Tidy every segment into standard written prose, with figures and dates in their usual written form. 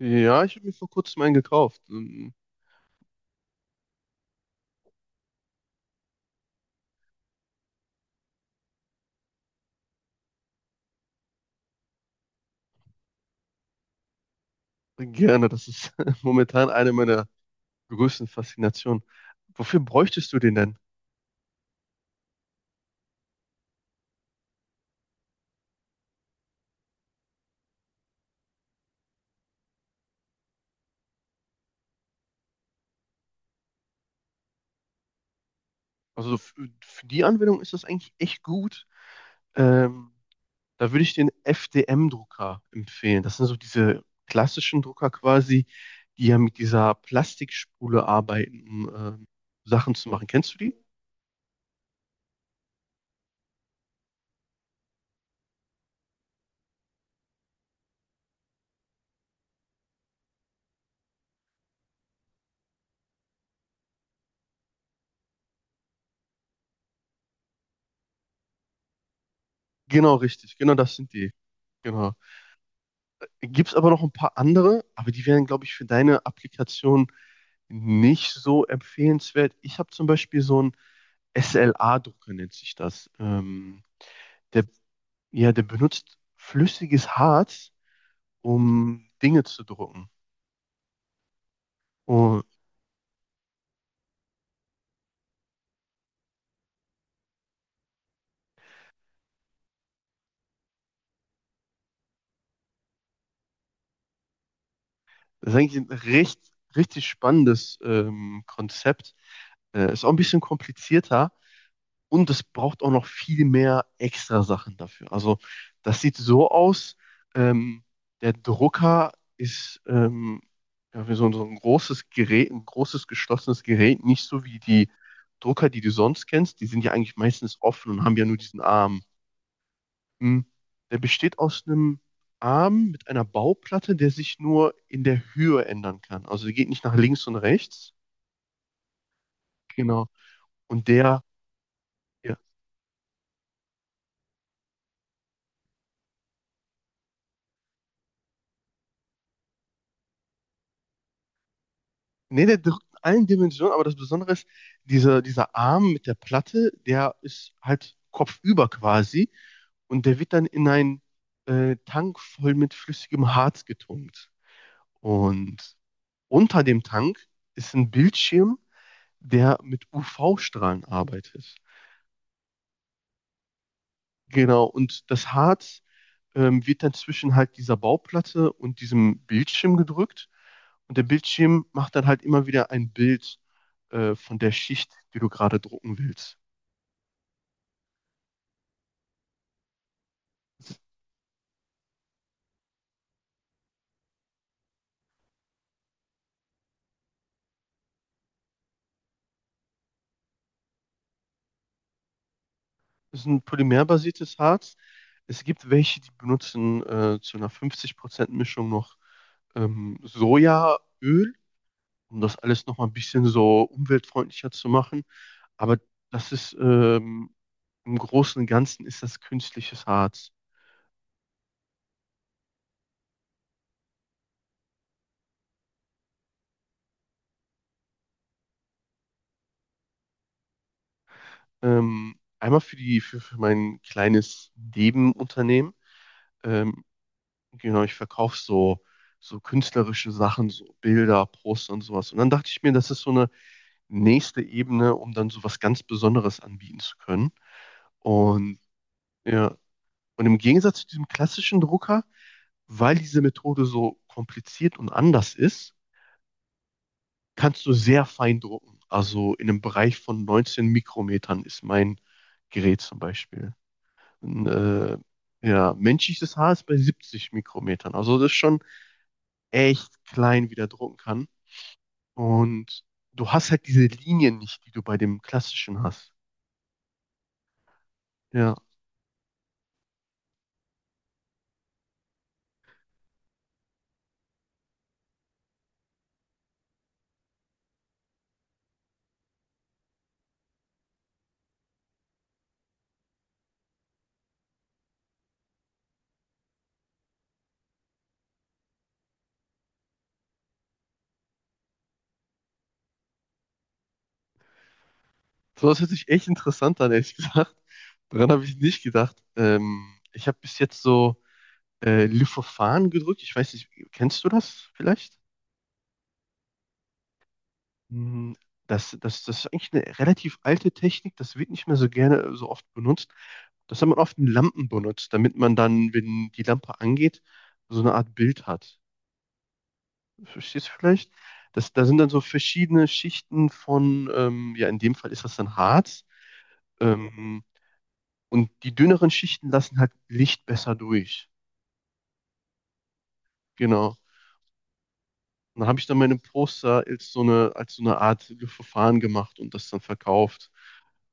Ja, ich habe mir vor kurzem einen gekauft. Gerne, das ist momentan eine meiner größten Faszinationen. Wofür bräuchtest du den denn? Also für die Anwendung ist das eigentlich echt gut. Ähm, Da würde ich den FDM-Drucker empfehlen. Das sind so diese klassischen Drucker quasi, die ja mit dieser Plastikspule arbeiten, um Sachen zu machen. Kennst du die? Genau, richtig. Genau, das sind die. Genau. Gibt es aber noch ein paar andere, aber die wären, glaube ich, für deine Applikation nicht so empfehlenswert. Ich habe zum Beispiel so einen SLA-Drucker, nennt sich das. Der, ja, der benutzt flüssiges Harz, um Dinge zu drucken. Und das ist eigentlich ein richtig spannendes Konzept. Ist auch ein bisschen komplizierter. Und es braucht auch noch viel mehr extra Sachen dafür. Also das sieht so aus, ähm, der Drucker ist ja, wie so ein großes Gerät, ein großes geschlossenes Gerät, nicht so wie die Drucker, die du sonst kennst. Die sind ja eigentlich meistens offen und haben ja nur diesen Arm. Hm. Der besteht aus einem Arm mit einer Bauplatte, der sich nur in der Höhe ändern kann. Also der geht nicht nach links und rechts. Genau. Und der, ja, Nee, der drückt in allen Dimensionen, aber das Besondere ist, dieser Arm mit der Platte, der ist halt kopfüber quasi und der wird dann in einen Tank voll mit flüssigem Harz getunkt. Und unter dem Tank ist ein Bildschirm, der mit UV-Strahlen arbeitet. Genau, und das Harz wird dann zwischen halt dieser Bauplatte und diesem Bildschirm gedrückt. Und der Bildschirm macht dann halt immer wieder ein Bild von der Schicht, die du gerade drucken willst. Das ist ein polymerbasiertes Harz. Es gibt welche, die benutzen zu einer 50%-Mischung noch Sojaöl, um das alles noch mal ein bisschen so umweltfreundlicher zu machen. Aber das ist im Großen und Ganzen ist das künstliches Harz. Einmal für die für mein kleines Nebenunternehmen. Ähm, Genau, ich verkaufe so künstlerische Sachen, so Bilder, Poster und sowas. Und dann dachte ich mir, das ist so eine nächste Ebene, um dann so was ganz Besonderes anbieten zu können. Und ja, und im Gegensatz zu diesem klassischen Drucker, weil diese Methode so kompliziert und anders ist, kannst du sehr fein drucken. Also in einem Bereich von 19 Mikrometern ist mein Gerät zum Beispiel. Und, ja, menschliches Haar ist bei 70 Mikrometern. Also das ist schon echt klein, wie der drucken kann. Und du hast halt diese Linien nicht, die du bei dem klassischen hast. Ja, so das hört sich echt interessant an, ehrlich gesagt. Daran habe ich nicht gedacht. Ich habe bis jetzt so Lyphophan gedrückt. Ich weiß nicht, kennst du das vielleicht? Hm. Das ist eigentlich eine relativ alte Technik. Das wird nicht mehr so gerne so oft benutzt. Das hat man oft in Lampen benutzt, damit man dann, wenn die Lampe angeht, so eine Art Bild hat. Verstehst du vielleicht? Da sind dann so verschiedene Schichten von, ja, in dem Fall ist das dann Harz. Ähm, und die dünneren Schichten lassen halt Licht besser durch. Genau. Und dann habe ich dann meine Poster als so eine Art Verfahren gemacht und das dann verkauft.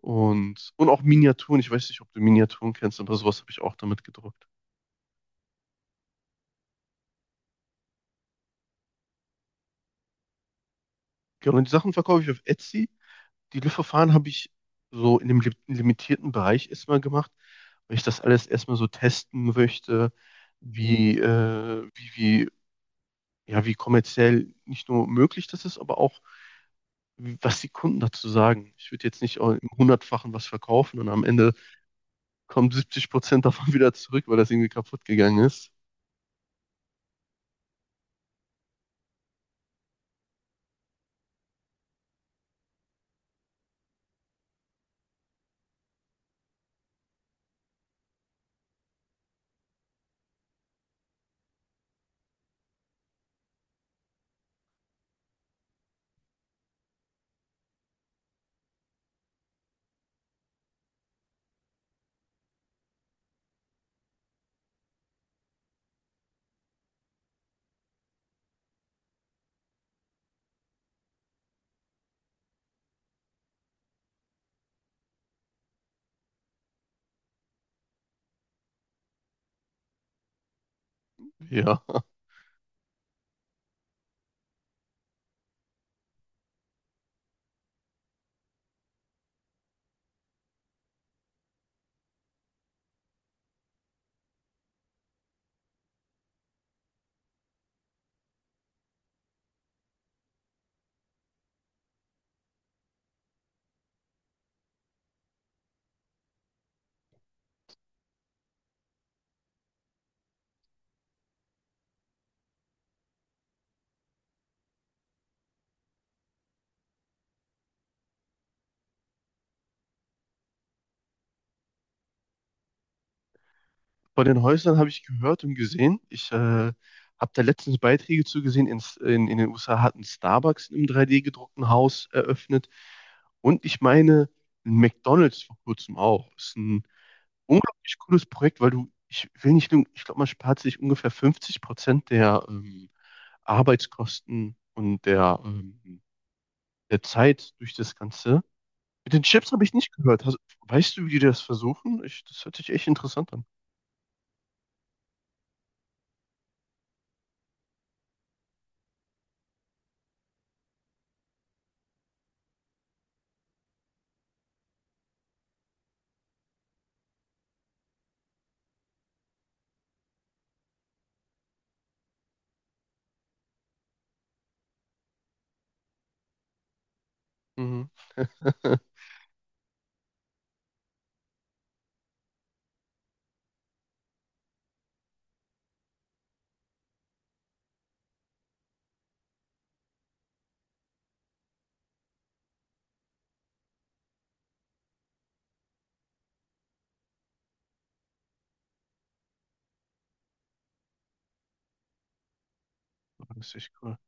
Und auch Miniaturen. Ich weiß nicht, ob du Miniaturen kennst, aber sowas habe ich auch damit gedruckt. Genau. Und die Sachen verkaufe ich auf Etsy. Die Löffverfahren habe ich so in dem limitierten Bereich erstmal gemacht, weil ich das alles erstmal so testen möchte, wie, äh, wie, wie, ja, wie kommerziell nicht nur möglich das ist, aber auch, was die Kunden dazu sagen. Ich würde jetzt nicht auch im Hundertfachen was verkaufen und am Ende kommen 70% davon wieder zurück, weil das irgendwie kaputt gegangen ist. Ja. Von den Häusern habe ich gehört und gesehen. Ich habe da letztens Beiträge zugesehen. In den USA hat ein Starbucks im 3D-gedruckten Haus eröffnet. Und ich meine, ein McDonald's vor kurzem auch. Ist ein unglaublich cooles Projekt, weil du, ich will nicht lügen, ich glaube, man spart sich ungefähr 50% der Arbeitskosten und der Zeit durch das Ganze. Mit den Chips habe ich nicht gehört. Weißt du, wie die das versuchen? Das hört sich echt interessant an. Mhm. Das ist echt cool.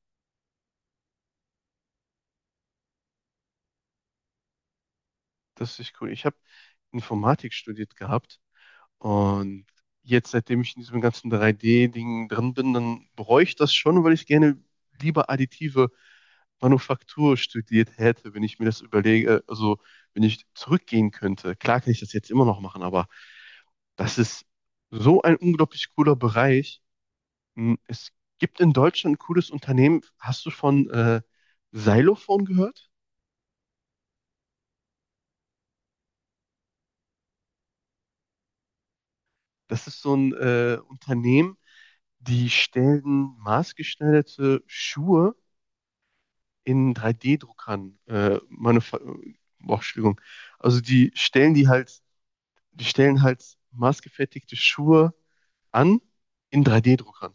Das ist echt cool. Ich habe Informatik studiert gehabt und jetzt, seitdem ich in diesem ganzen 3D-Ding drin bin, dann bereue ich das schon, weil ich gerne lieber additive Manufaktur studiert hätte, wenn ich mir das überlege, also wenn ich zurückgehen könnte. Klar kann ich das jetzt immer noch machen, aber das ist so ein unglaublich cooler Bereich. Hm. Es gibt in Deutschland ein cooles Unternehmen. Hast du von Xylophon gehört? Das ist so ein Unternehmen. Die stellen maßgeschneiderte Schuhe in 3D-Druckern, Entschuldigung. Also die stellen halt maßgefertigte Schuhe an in 3D-Druckern.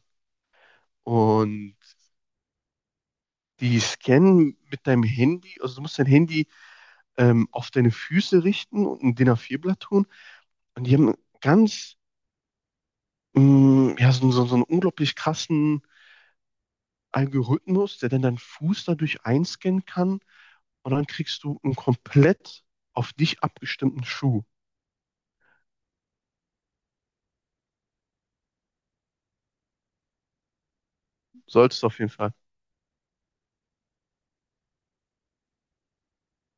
Und die scannen mit deinem Handy, also du musst dein Handy auf deine Füße richten und ein DIN A4-Blatt tun. Und die haben ganz, ja, so einen unglaublich krassen Algorithmus, der dann deinen Fuß dadurch einscannen kann. Und dann kriegst du einen komplett auf dich abgestimmten Schuh. Solltest du auf jeden Fall